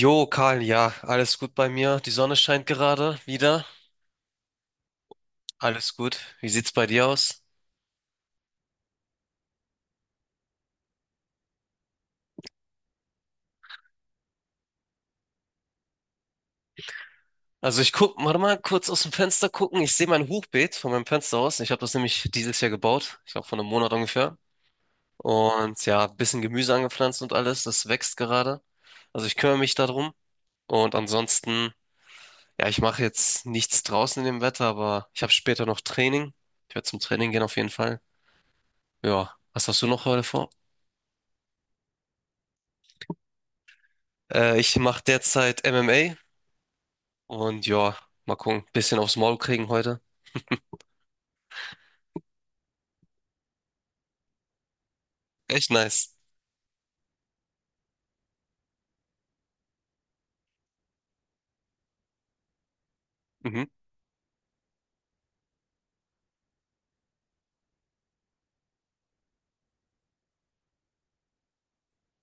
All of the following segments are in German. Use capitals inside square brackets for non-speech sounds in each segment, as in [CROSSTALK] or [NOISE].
Jo, Karl, ja, alles gut bei mir. Die Sonne scheint gerade wieder. Alles gut. Wie sieht's bei dir aus? Also ich guck, warte mal, kurz aus dem Fenster gucken. Ich sehe mein Hochbeet von meinem Fenster aus. Ich habe das nämlich dieses Jahr gebaut. Ich glaube vor einem Monat ungefähr. Und ja, bisschen Gemüse angepflanzt und alles. Das wächst gerade. Also ich kümmere mich darum. Und ansonsten, ja, ich mache jetzt nichts draußen in dem Wetter, aber ich habe später noch Training. Ich werde zum Training gehen auf jeden Fall. Ja, was hast du noch heute vor? Ich mache derzeit MMA. Und ja, mal gucken. Bisschen aufs Maul kriegen heute. Echt nice. Mhm.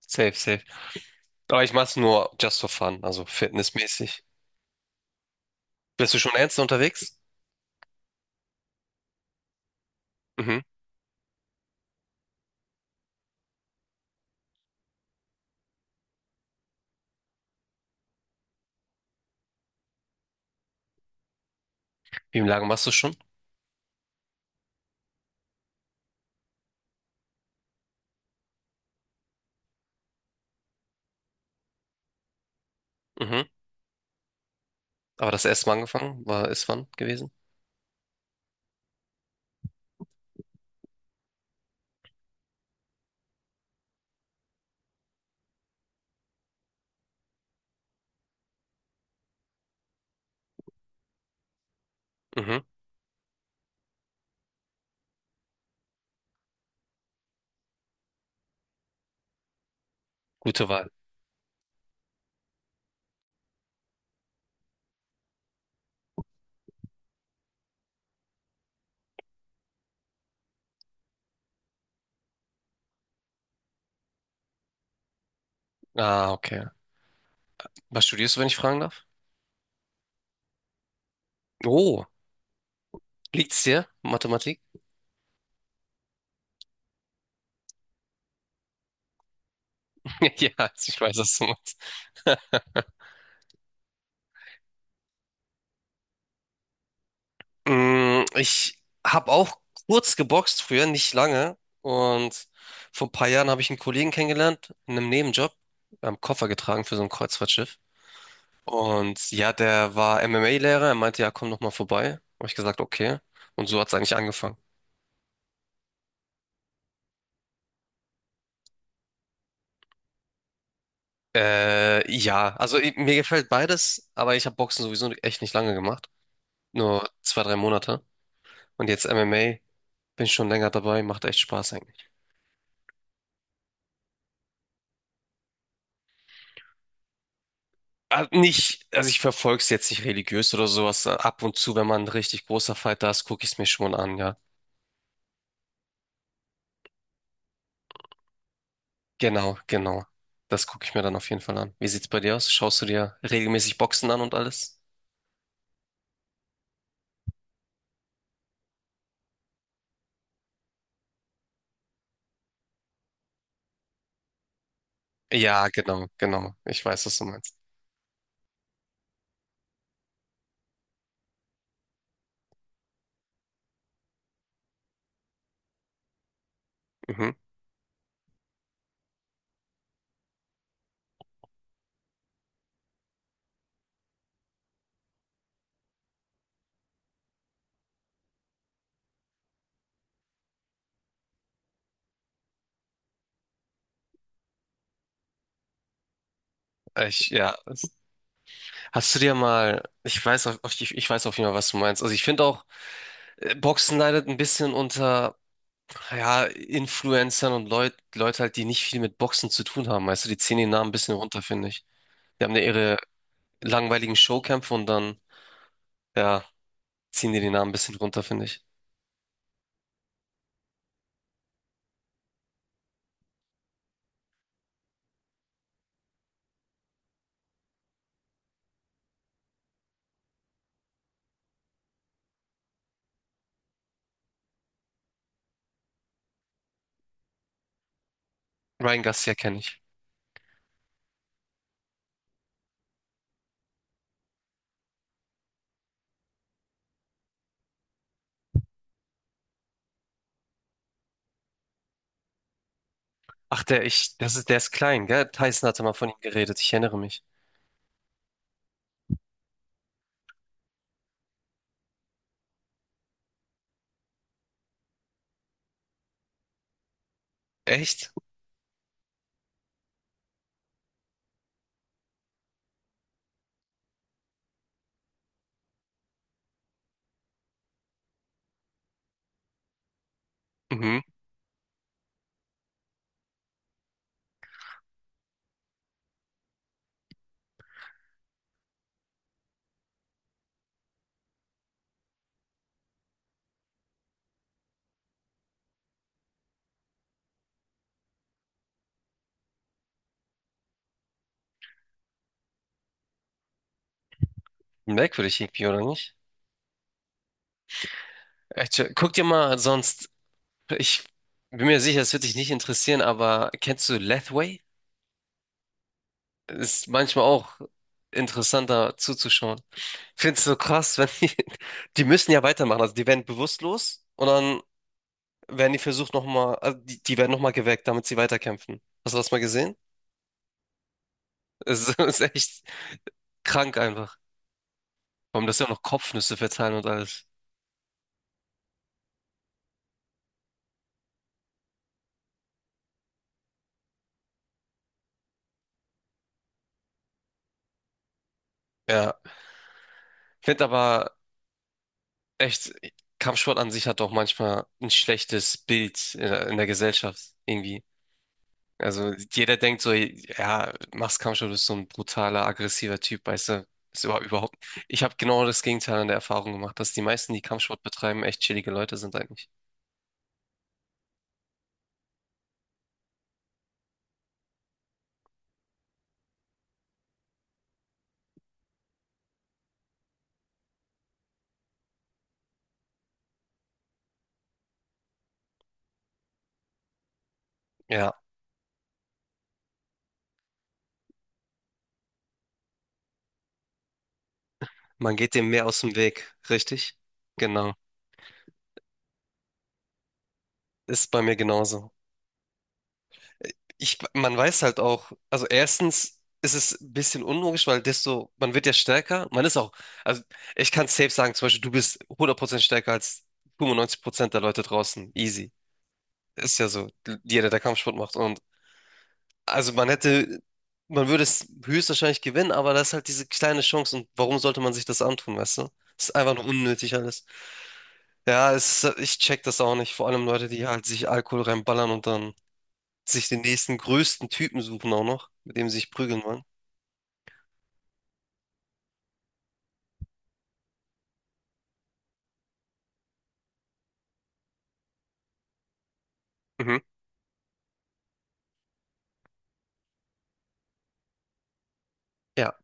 Safe, safe. Aber ich mach's nur just for fun, also fitnessmäßig. Bist du schon ernst unterwegs? Mhm. Wie lange machst du schon? Mhm. Aber das erste Mal angefangen, war ist wann gewesen? Mhm. Gute Wahl. Ah, okay. Was studierst du, wenn ich fragen darf? Oh, liegt's dir? Mathematik? [LAUGHS] Ja, ich weiß, was du meinst. [LAUGHS] Mm, ich habe auch kurz geboxt früher, nicht lange. Und vor ein paar Jahren habe ich einen Kollegen kennengelernt, in einem Nebenjob. Wir haben Koffer getragen für so ein Kreuzfahrtschiff. Und ja, der war MMA-Lehrer. Er meinte, ja, komm noch mal vorbei. Habe ich gesagt, okay. Und so hat es eigentlich angefangen. Ja, also mir gefällt beides, aber ich habe Boxen sowieso echt nicht lange gemacht. Nur zwei, drei Monate. Und jetzt MMA, bin schon länger dabei, macht echt Spaß. Ah, nicht, also ich verfolge es jetzt nicht religiös oder sowas. Ab und zu, wenn man ein richtig großer Fighter ist, gucke ich es mir schon an, ja. Genau, genau. Das gucke ich mir dann auf jeden Fall an. Wie sieht's bei dir aus? Schaust du dir regelmäßig Boxen an und alles? Ja, genau, genau. Ich weiß, was du meinst. Mhm. Ich, ja. Hast du dir mal, ich weiß, ich, ich weiß auf jeden Fall, was du meinst. Also ich finde auch, Boxen leidet ein bisschen unter, ja, Influencern und Leute halt, die nicht viel mit Boxen zu tun haben. Weißt du, die ziehen den Namen ein bisschen runter, finde ich. Die haben da ihre langweiligen Showkämpfe und dann, ja, ziehen die den Namen ein bisschen runter, finde ich. Ryan Garcia kenne ich. Ach, der, ich, das ist, der ist klein, gell? Tyson hatte mal von ihm geredet, ich erinnere mich. Echt? Mhm. Merkwürdig irgendwie, oder nicht? Echt, guck dir mal sonst, ich bin mir sicher, es wird dich nicht interessieren, aber kennst du Lathway? Ist manchmal auch interessanter zuzuschauen. Findest du so krass, wenn die, [LAUGHS] die müssen ja weitermachen, also die werden bewusstlos und dann werden die versucht nochmal, also die, die werden nochmal geweckt, damit sie weiterkämpfen. Hast du das mal gesehen? Es [LAUGHS] ist echt krank einfach. Vor allem, dass sie auch noch Kopfnüsse verteilen und alles. Ja. Ich finde aber echt, Kampfsport an sich hat auch manchmal ein schlechtes Bild in in der Gesellschaft irgendwie. Also jeder denkt so, ja, machst Kampfsport, bist so ein brutaler, aggressiver Typ, weißt du. Ist überhaupt. Ich habe genau das Gegenteil an der Erfahrung gemacht, dass die meisten, die Kampfsport betreiben, echt chillige Leute sind eigentlich. Ja, man geht dem mehr aus dem Weg, richtig? Genau. Ist bei mir genauso. Ich, man weiß halt auch, also erstens ist es ein bisschen unlogisch, weil desto, man wird ja stärker, man ist auch, also ich kann safe sagen, zum Beispiel, du bist 100% stärker als 95% der Leute draußen. Easy. Ist ja so, jeder, der Kampfsport macht. Und also man hätte, man würde es höchstwahrscheinlich gewinnen, aber das ist halt diese kleine Chance und warum sollte man sich das antun, weißt du? Ist einfach nur unnötig alles. Ja, es, ich check das auch nicht. Vor allem Leute, die halt sich Alkohol reinballern und dann sich den nächsten größten Typen suchen auch noch, mit dem sie sich prügeln wollen. Mhm. Ja,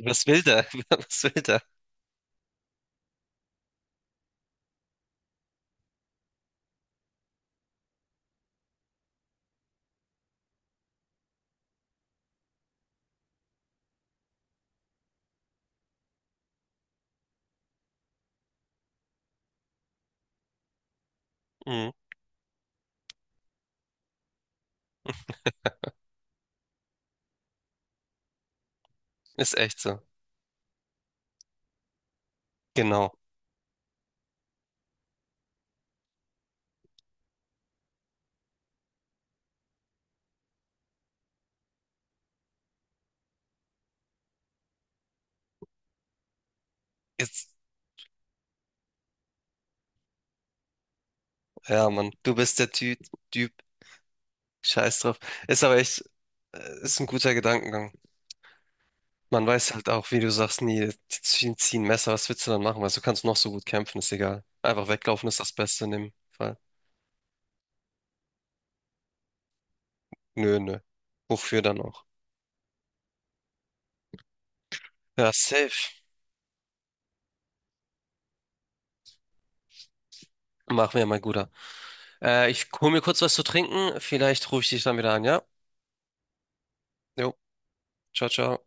was will der? [LAUGHS] Was will der? Mhm. Ist echt so. Genau. Jetzt, ja, Mann, du bist der Ty Typ. Scheiß drauf. Ist aber echt, ist ein guter Gedankengang. Man weiß halt auch, wie du sagst, nie, die ziehen Messer, was willst du dann machen? Weil du kannst noch so gut kämpfen, ist egal. Einfach weglaufen ist das Beste in dem Fall. Nö, nö. Wofür dann auch? Ja, safe. Machen wir, mein Guter. Ich hol mir kurz was zu trinken. Vielleicht rufe ich dich dann wieder an, ja? Jo, ciao, ciao.